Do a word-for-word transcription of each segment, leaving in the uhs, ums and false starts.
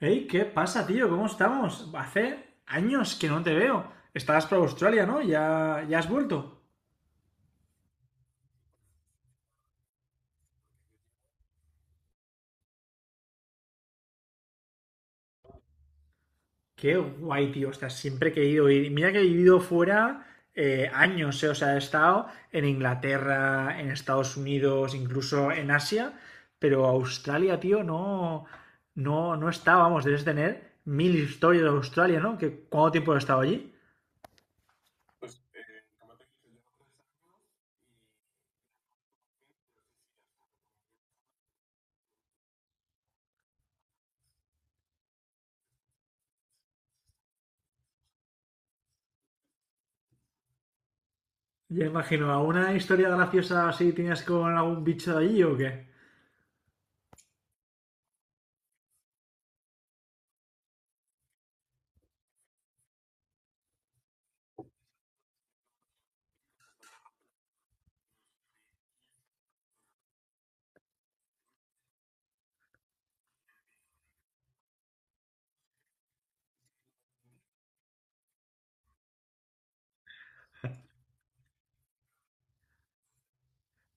Hey, ¿qué pasa, tío? ¿Cómo estamos? Hace años que no te veo. Estabas por Australia, ¿no? ¿Ya, ya has vuelto? Qué guay, tío. O sea, siempre he querido ir. Mira que he vivido fuera eh, años, eh. O sea, he estado en Inglaterra, en Estados Unidos, incluso en Asia. Pero Australia, tío, no, no, no está. Vamos, debes tener mil historias de Australia, ¿no? ¿Qué ¿Cuánto tiempo has estado allí? Ya imagino, ¿alguna historia graciosa así tenías con algún bicho de allí o qué?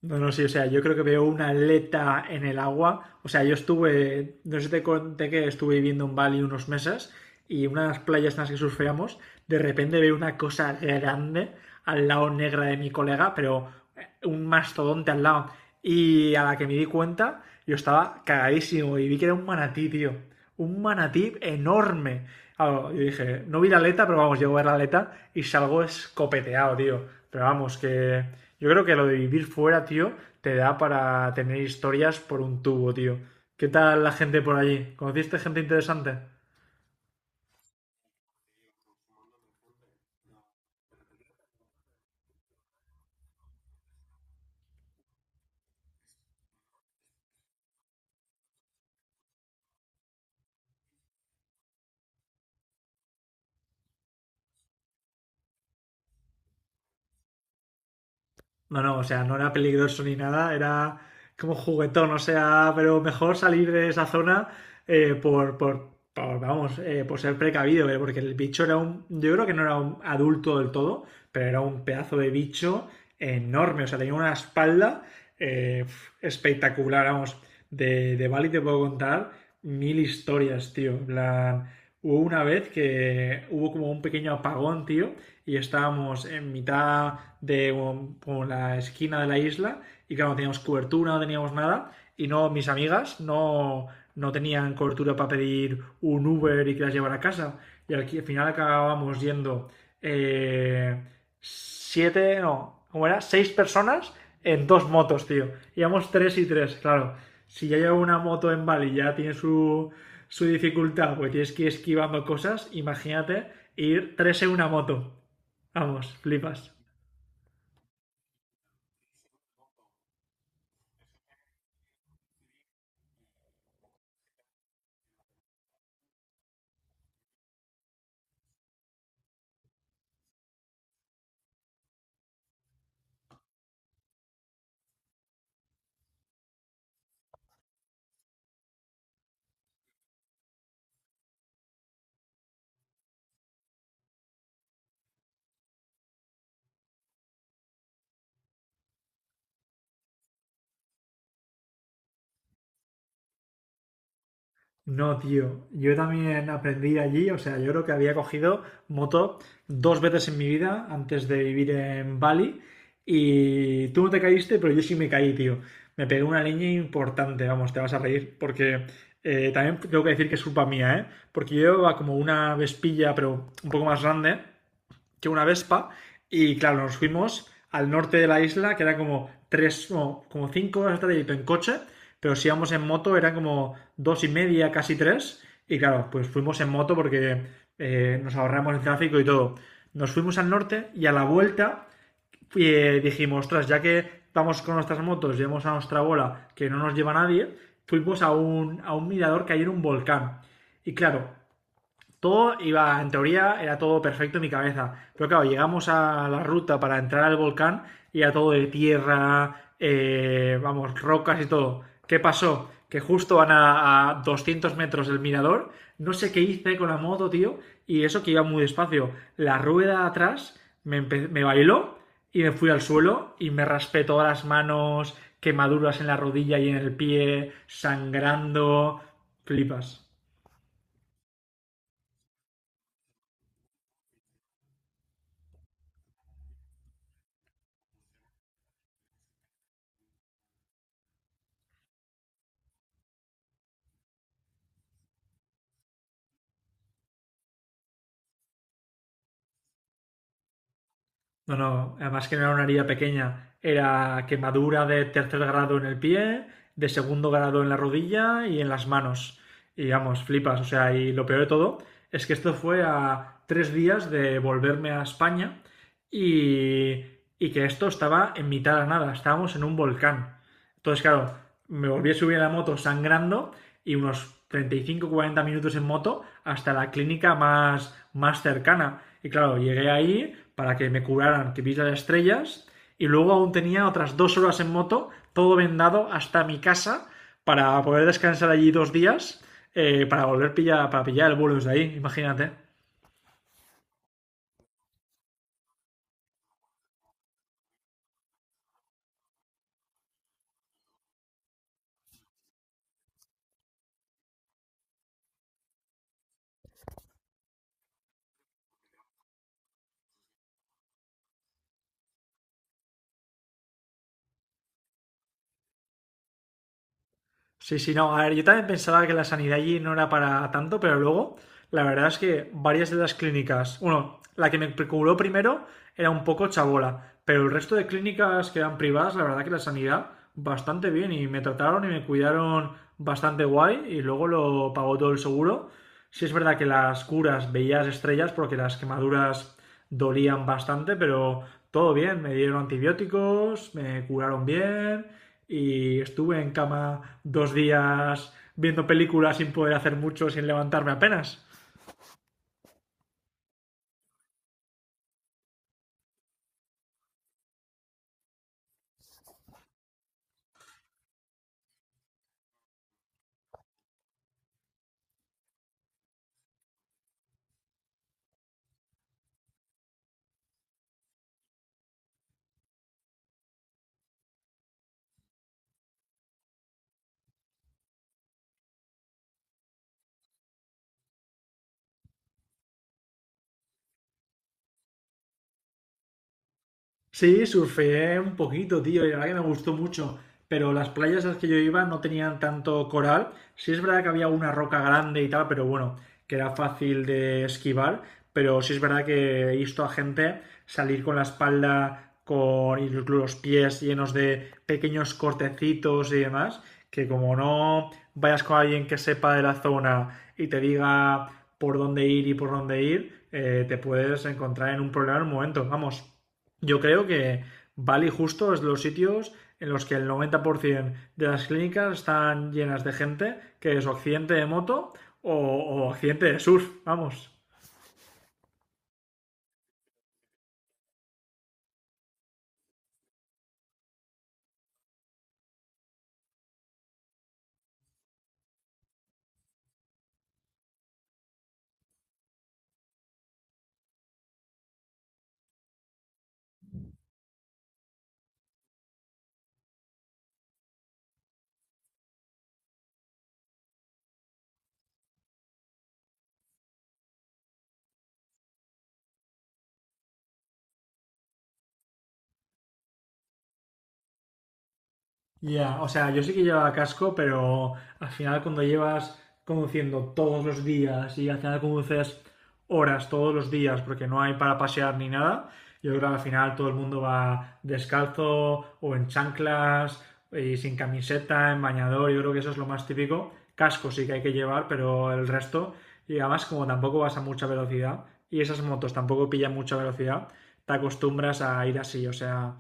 No, no, sí, o sea, yo creo que veo una aleta en el agua. O sea, yo estuve, no sé si te conté que estuve viviendo en Bali unos meses y una de las playas en las que surfeamos, de repente veo una cosa grande al lado negra de mi colega, pero eh, un mastodonte al lado. Y a la que me di cuenta, yo estaba cagadísimo y vi que era un manatí, tío, un manatí enorme. Claro, yo dije, no vi la aleta, pero vamos, llego a ver la aleta y salgo escopeteado, tío. Pero vamos, que yo creo que lo de vivir fuera, tío, te da para tener historias por un tubo, tío. ¿Qué tal la gente por allí? ¿Conociste gente interesante? No, no, o sea, no era peligroso ni nada, era como juguetón, o sea, pero mejor salir de esa zona eh, por, por, por, vamos, eh, por ser precavido, eh, porque el bicho era un, yo creo que no era un adulto del todo, pero era un pedazo de bicho enorme, o sea, tenía una espalda eh, espectacular, vamos, de, de Bali te puedo contar mil historias, tío, en plan, hubo una vez que hubo como un pequeño apagón, tío, y estábamos en mitad de um, como la esquina de la isla y claro, no teníamos cobertura, no teníamos nada y no, mis amigas no, no tenían cobertura para pedir un Uber y que las llevara a casa y al, al final acabábamos yendo eh, siete, no, ¿cómo era? Seis personas en dos motos, tío. Íbamos tres y tres, claro. Si ya llevo una moto en Bali ya tiene su, su dificultad, porque tienes que ir esquivando cosas, imagínate ir tres en una moto. Vamos, flipas. No, tío. Yo también aprendí allí, o sea, yo creo que había cogido moto dos veces en mi vida antes de vivir en Bali. Y tú no te caíste, pero yo sí me caí, tío. Me pegué una leña importante, vamos, te vas a reír, porque eh, también tengo que decir que es culpa mía, ¿eh? Porque yo llevaba como una vespilla, pero un poco más grande, que una Vespa. Y claro, nos fuimos al norte de la isla, que era como tres, no, como cinco horas de trayecto en coche, pero si íbamos en moto era como dos y media, casi tres. Y claro, pues fuimos en moto porque eh, nos ahorramos el tráfico y todo. Nos fuimos al norte y a la vuelta eh, dijimos, ostras, ya que vamos con nuestras motos, llevamos a nuestra bola que no nos lleva nadie, fuimos a un, a un mirador que hay en un volcán. Y claro, todo iba, en teoría, era todo perfecto en mi cabeza. Pero claro, llegamos a la ruta para entrar al volcán y era todo de tierra, eh, vamos, rocas y todo. ¿Qué pasó? Que justo van a, a doscientos metros del mirador. No sé qué hice con la moto, tío. Y eso que iba muy despacio. La rueda atrás me, me bailó y me fui al suelo y me raspé todas las manos, quemaduras en la rodilla y en el pie, sangrando. Flipas. No, no, además que no era una herida pequeña, era quemadura de tercer grado en el pie, de segundo grado en la rodilla y en las manos. Y vamos, flipas, o sea, y lo peor de todo es que esto fue a tres días de volverme a España y, y que esto estaba en mitad de la nada, estábamos en un volcán. Entonces, claro, me volví a subir a la moto sangrando y unos treinta y cinco cuarenta minutos en moto hasta la clínica más, más cercana. Y claro, llegué ahí para que me curaran, que vi las estrellas y luego aún tenía otras dos horas en moto, todo vendado hasta mi casa para poder descansar allí dos días eh, para volver a pillar, para pillar el vuelo desde ahí, imagínate. Sí, sí, no. A ver, yo también pensaba que la sanidad allí no era para tanto, pero luego la verdad es que varias de las clínicas, bueno, la que me preocupó primero era un poco chabola, pero el resto de clínicas que eran privadas, la verdad que la sanidad bastante bien y me trataron y me cuidaron bastante guay y luego lo pagó todo el seguro. Sí es verdad que las curas veías estrellas porque las quemaduras dolían bastante, pero todo bien, me dieron antibióticos, me curaron bien y estuve en cama dos días viendo películas sin poder hacer mucho, sin levantarme apenas. Sí, surfeé un poquito, tío, y la verdad que me gustó mucho. Pero las playas a las que yo iba no tenían tanto coral. Sí es verdad que había una roca grande y tal, pero bueno, que era fácil de esquivar. Pero sí es verdad que he visto a gente salir con la espalda con y los pies llenos de pequeños cortecitos y demás, que como no vayas con alguien que sepa de la zona y te diga por dónde ir y por dónde ir, eh, te puedes encontrar en un problema en un momento. Vamos. Yo creo que Bali justo es los sitios en los que el noventa por ciento de las clínicas están llenas de gente que es o accidente de moto o, o accidente de surf, vamos. Ya, o sea, yo sí que llevaba casco, pero al final cuando llevas conduciendo todos los días y al final conduces horas todos los días porque no hay para pasear ni nada, yo creo que al final todo el mundo va descalzo o en chanclas y sin camiseta, en bañador, yo creo que eso es lo más típico. Casco sí que hay que llevar, pero el resto, y además como tampoco vas a mucha velocidad y esas motos tampoco pillan mucha velocidad, te acostumbras a ir así, o sea,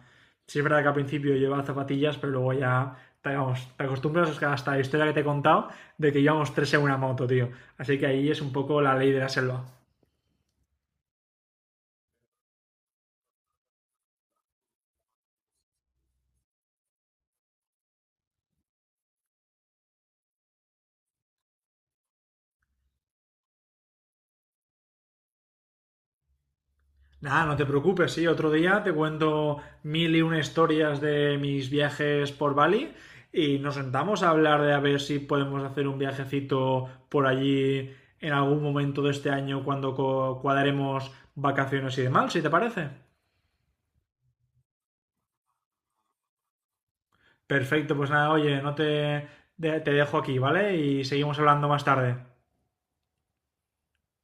sí, es verdad que al principio llevaba zapatillas, pero luego ya te, vamos, te acostumbras hasta la historia que te he contado de que íbamos tres en una moto, tío. Así que ahí es un poco la ley de la selva. Nada, no te preocupes, sí, otro día te cuento mil y una historias de mis viajes por Bali y nos sentamos a hablar de a ver si podemos hacer un viajecito por allí en algún momento de este año cuando co- cuadremos vacaciones y demás, si te parece. Perfecto, pues nada, oye, no te, te dejo aquí, ¿vale? Y seguimos hablando más tarde.